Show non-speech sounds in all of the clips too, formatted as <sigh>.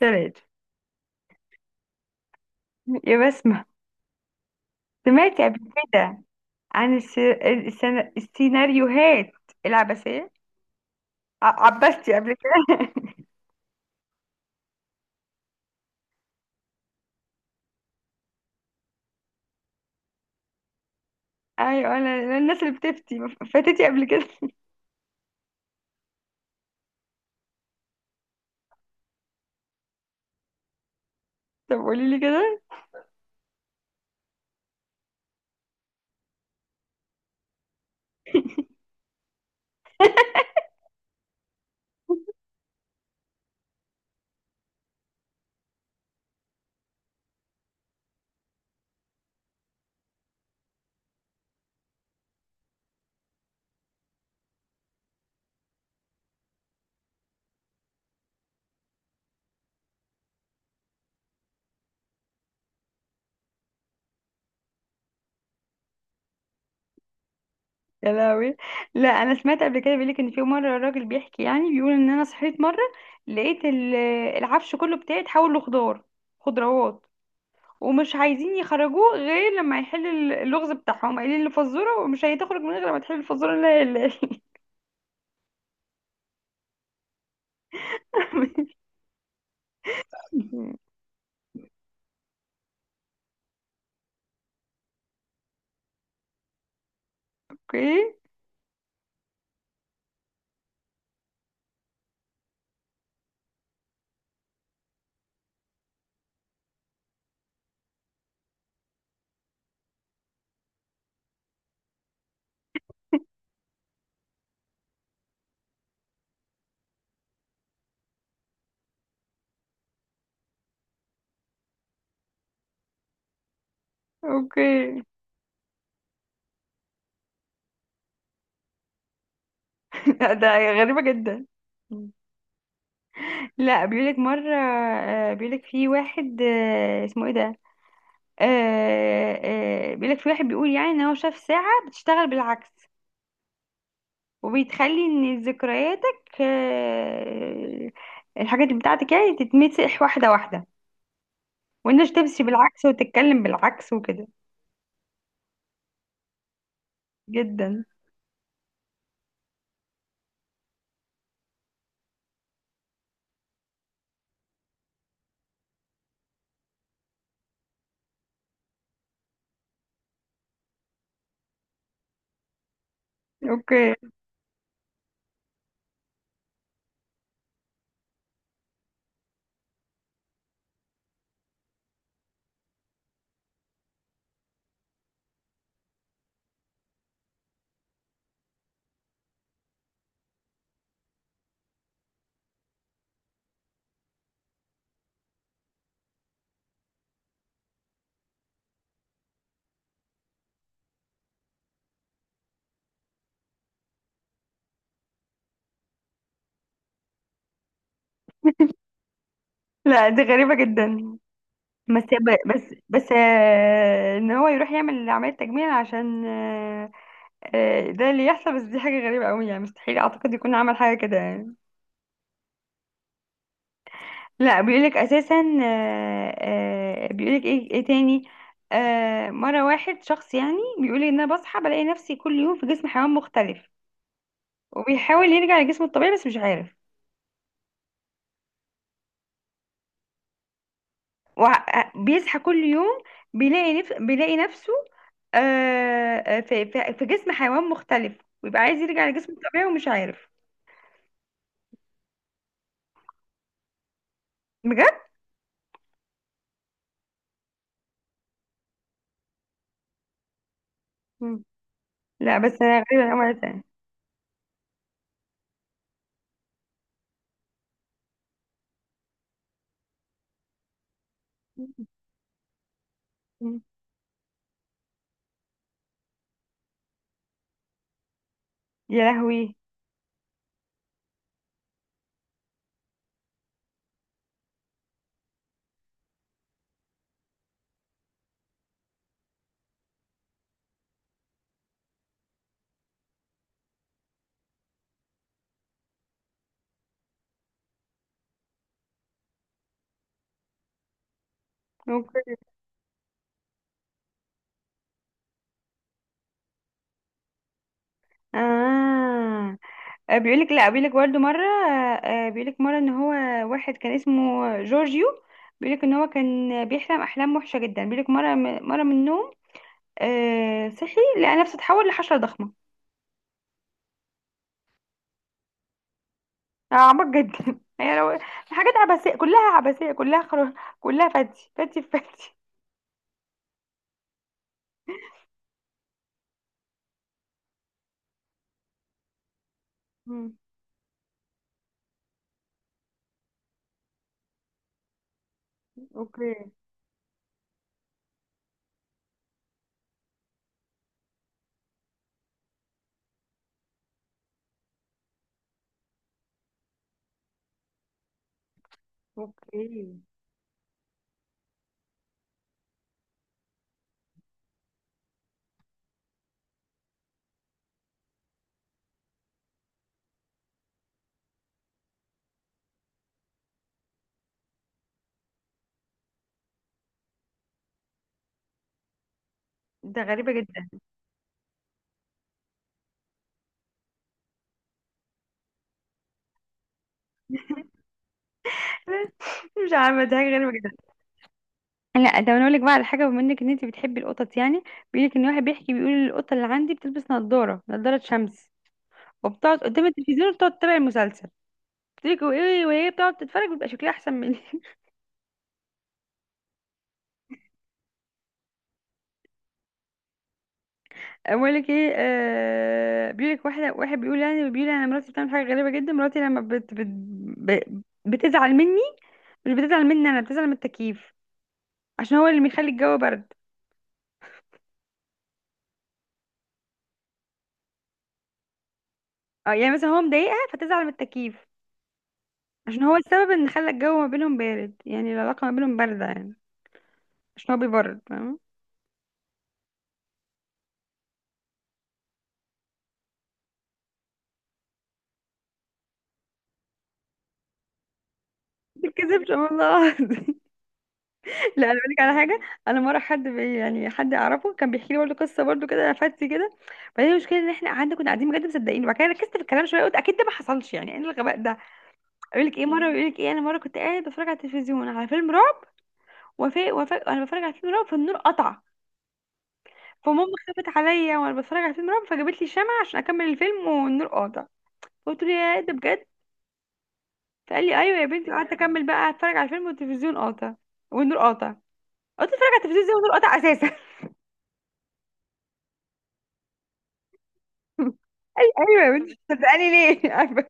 ثلاثة يا بسمة، سمعتي قبل كده عن السيناريوهات العبثية؟ عبستي قبل كده؟ <laughs> ايوه. أنا الناس اللي بتفتي فاتتي قبل كده؟ <laughs> طب قولي لي كده. يا لهوي. لا، انا سمعت قبل كده بيقول لك ان في مره الراجل بيحكي، يعني بيقول ان انا صحيت مره، لقيت العفش كله بتاعي اتحول لخضار، خضروات، ومش عايزين يخرجوه غير لما يحل اللغز بتاعهم، قايلين الفزوره ومش هتخرج من غير لما تحل الفزوره. لا، لا. <laughs> اوكي. اوكي. <laughs> ده غريبة جدا. لا، بيقولك في واحد، اسمه ايه ده، آه، بيقولك في واحد بيقول يعني ان هو شاف ساعة بتشتغل بالعكس، وبتخلي ان ذكرياتك، الحاجات اللي بتاعتك يعني تتمسح واحدة واحدة، وانك تمشي بالعكس وتتكلم بالعكس وكده. جدا. اوكي. لا، دي غريبة جدا. بس ب- بس بس آه، ان هو يروح يعمل عملية تجميل عشان ده اللي يحصل، بس دي حاجة غريبة قوي يعني، مستحيل اعتقد يكون عمل حاجة كده يعني. لا بيقولك اساسا، بيقولك ايه تاني، مرة واحد شخص يعني بيقولي ان انا بصحى بلاقي نفسي كل يوم في جسم حيوان مختلف، وبيحاول يرجع لجسمه الطبيعي بس مش عارف، وبيصحى كل يوم بيلاقي نفسه في في جسم حيوان مختلف، ويبقى عايز يرجع لجسمه الطبيعي ومش عارف. بجد؟ مم. لا بس انا غريبه أنا مرة تانية. مم. يا لهوي. ممكن. اه. بيقولك لا، بيقولك برضه مرة، بيقولك مرة ان هو واحد كان اسمه جورجيو، بيقولك ان هو كان بيحلم احلام وحشة جدا، بيقولك مرة، مرة من النوم صحي لقى نفسه اتحول لحشرة ضخمة. عميق جدا. <laughs> هي لو الحاجات عبثية كلها، عبثية كلها كلها فتي فتي في فتي. مم. اوكي. اوكي. ده غريبة جدا. <laughs> مش عارفة، دي حاجة غريبة جدا. لا ده انا اقول لك بقى على حاجة، بما انك ان انت بتحبي القطط يعني، بيقول لك ان واحد بيحكي بيقول القطة اللي عندي بتلبس نظارة، نظارة شمس، وبتقعد قدام التلفزيون وبتقعد تتابع المسلسل. بتقول لك وايه وهي بتقعد تتفرج بيبقى شكلها احسن مني. بقولك ايه، آه، بيقولك واحد بيقول يعني، بيقول انا مراتي بتعمل حاجة غريبة جدا، مراتي لما بتزعل مني، مش بتزعل مني انا، بتزعل من التكييف عشان هو اللي بيخلي الجو برد. اه يعني مثلا هو مضايقها فتزعل من التكييف عشان هو السبب ان خلى الجو ما بينهم بارد، يعني العلاقة ما بينهم باردة يعني عشان هو بيبرد، فاهمة؟ متتكذبش والله. <laughs> لا انا بقول لك على حاجه، انا مره حد بي يعني حد اعرفه كان بيحكي لي برضه قصه برضه كده فاتي كده، بعدين المشكله ان احنا قعدنا كنا قاعدين بجد مصدقين، وبعد كده ركزت في الكلام شويه، قلت اكيد ده ما حصلش، يعني ايه الغباء ده. اقول لك ايه، مره بيقول لك ايه، انا مره كنت قاعد بتفرج على التلفزيون على فيلم رعب، وفي انا بتفرج على فيلم رعب فالنور قطع، فماما خافت عليا وانا بتفرج على فيلم رعب فجابت لي شمع عشان اكمل الفيلم والنور قاطع. قلت له يا ده بجد. فقال لي ايوه يا بنتي، قعدت اكمل بقى اتفرج على الفيلم والتلفزيون قاطع والنور قاطع. قلت اتفرج على التلفزيون زي والنور قاطع اساسا. أي أيوة يا بنتي صدقاني ليه <laughs> عارفة؟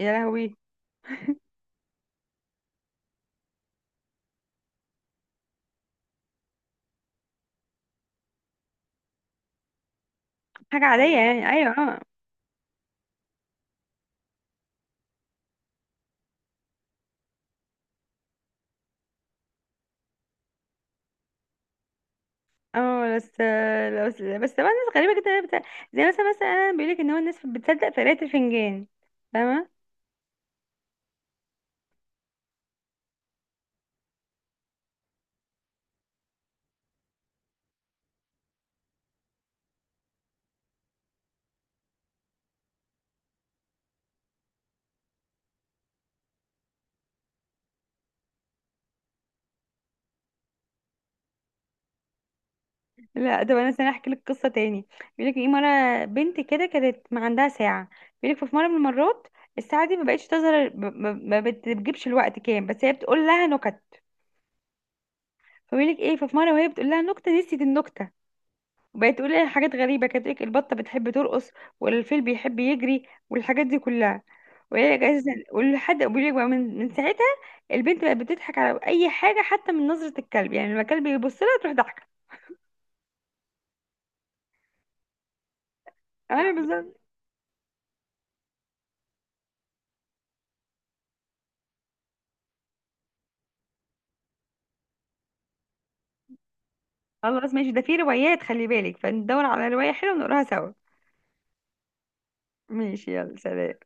يا لهوي. حاجة عادية يعني. أيوة. اه. اه بس طبعا الناس غريبة جدا زي مثلا أنا، بيقولك إن هو الناس بتصدق في قراية الفنجان، فاهمة؟ لا طب أنا مثلا أحكي لك قصة تاني. بيقولك إيه مرة بنت كده كانت ما عندها ساعة، بيقولك في مرة من المرات الساعة دي ما بقتش تظهر ما بتجيبش الوقت كام، بس هي بتقول لها نكت. فبيقولك إيه ففي مرة وهي بتقول لها نكتة نسيت النكتة، وبقت تقول لي حاجات غريبة، كانت تقولك البطة بتحب ترقص والفيل بيحب يجري والحاجات دي كلها. وهي اساسا ولحد بيقولك بقى من ساعتها البنت بقت بتضحك على اي حاجة حتى من نظرة الكلب، يعني لما الكلب يبص لها تروح ضحكة. انا بالظبط. خلاص ماشي، ده في روايات، خلي بالك فندور على رواية حلوة ونقراها سوا. ماشي، يلا سلام.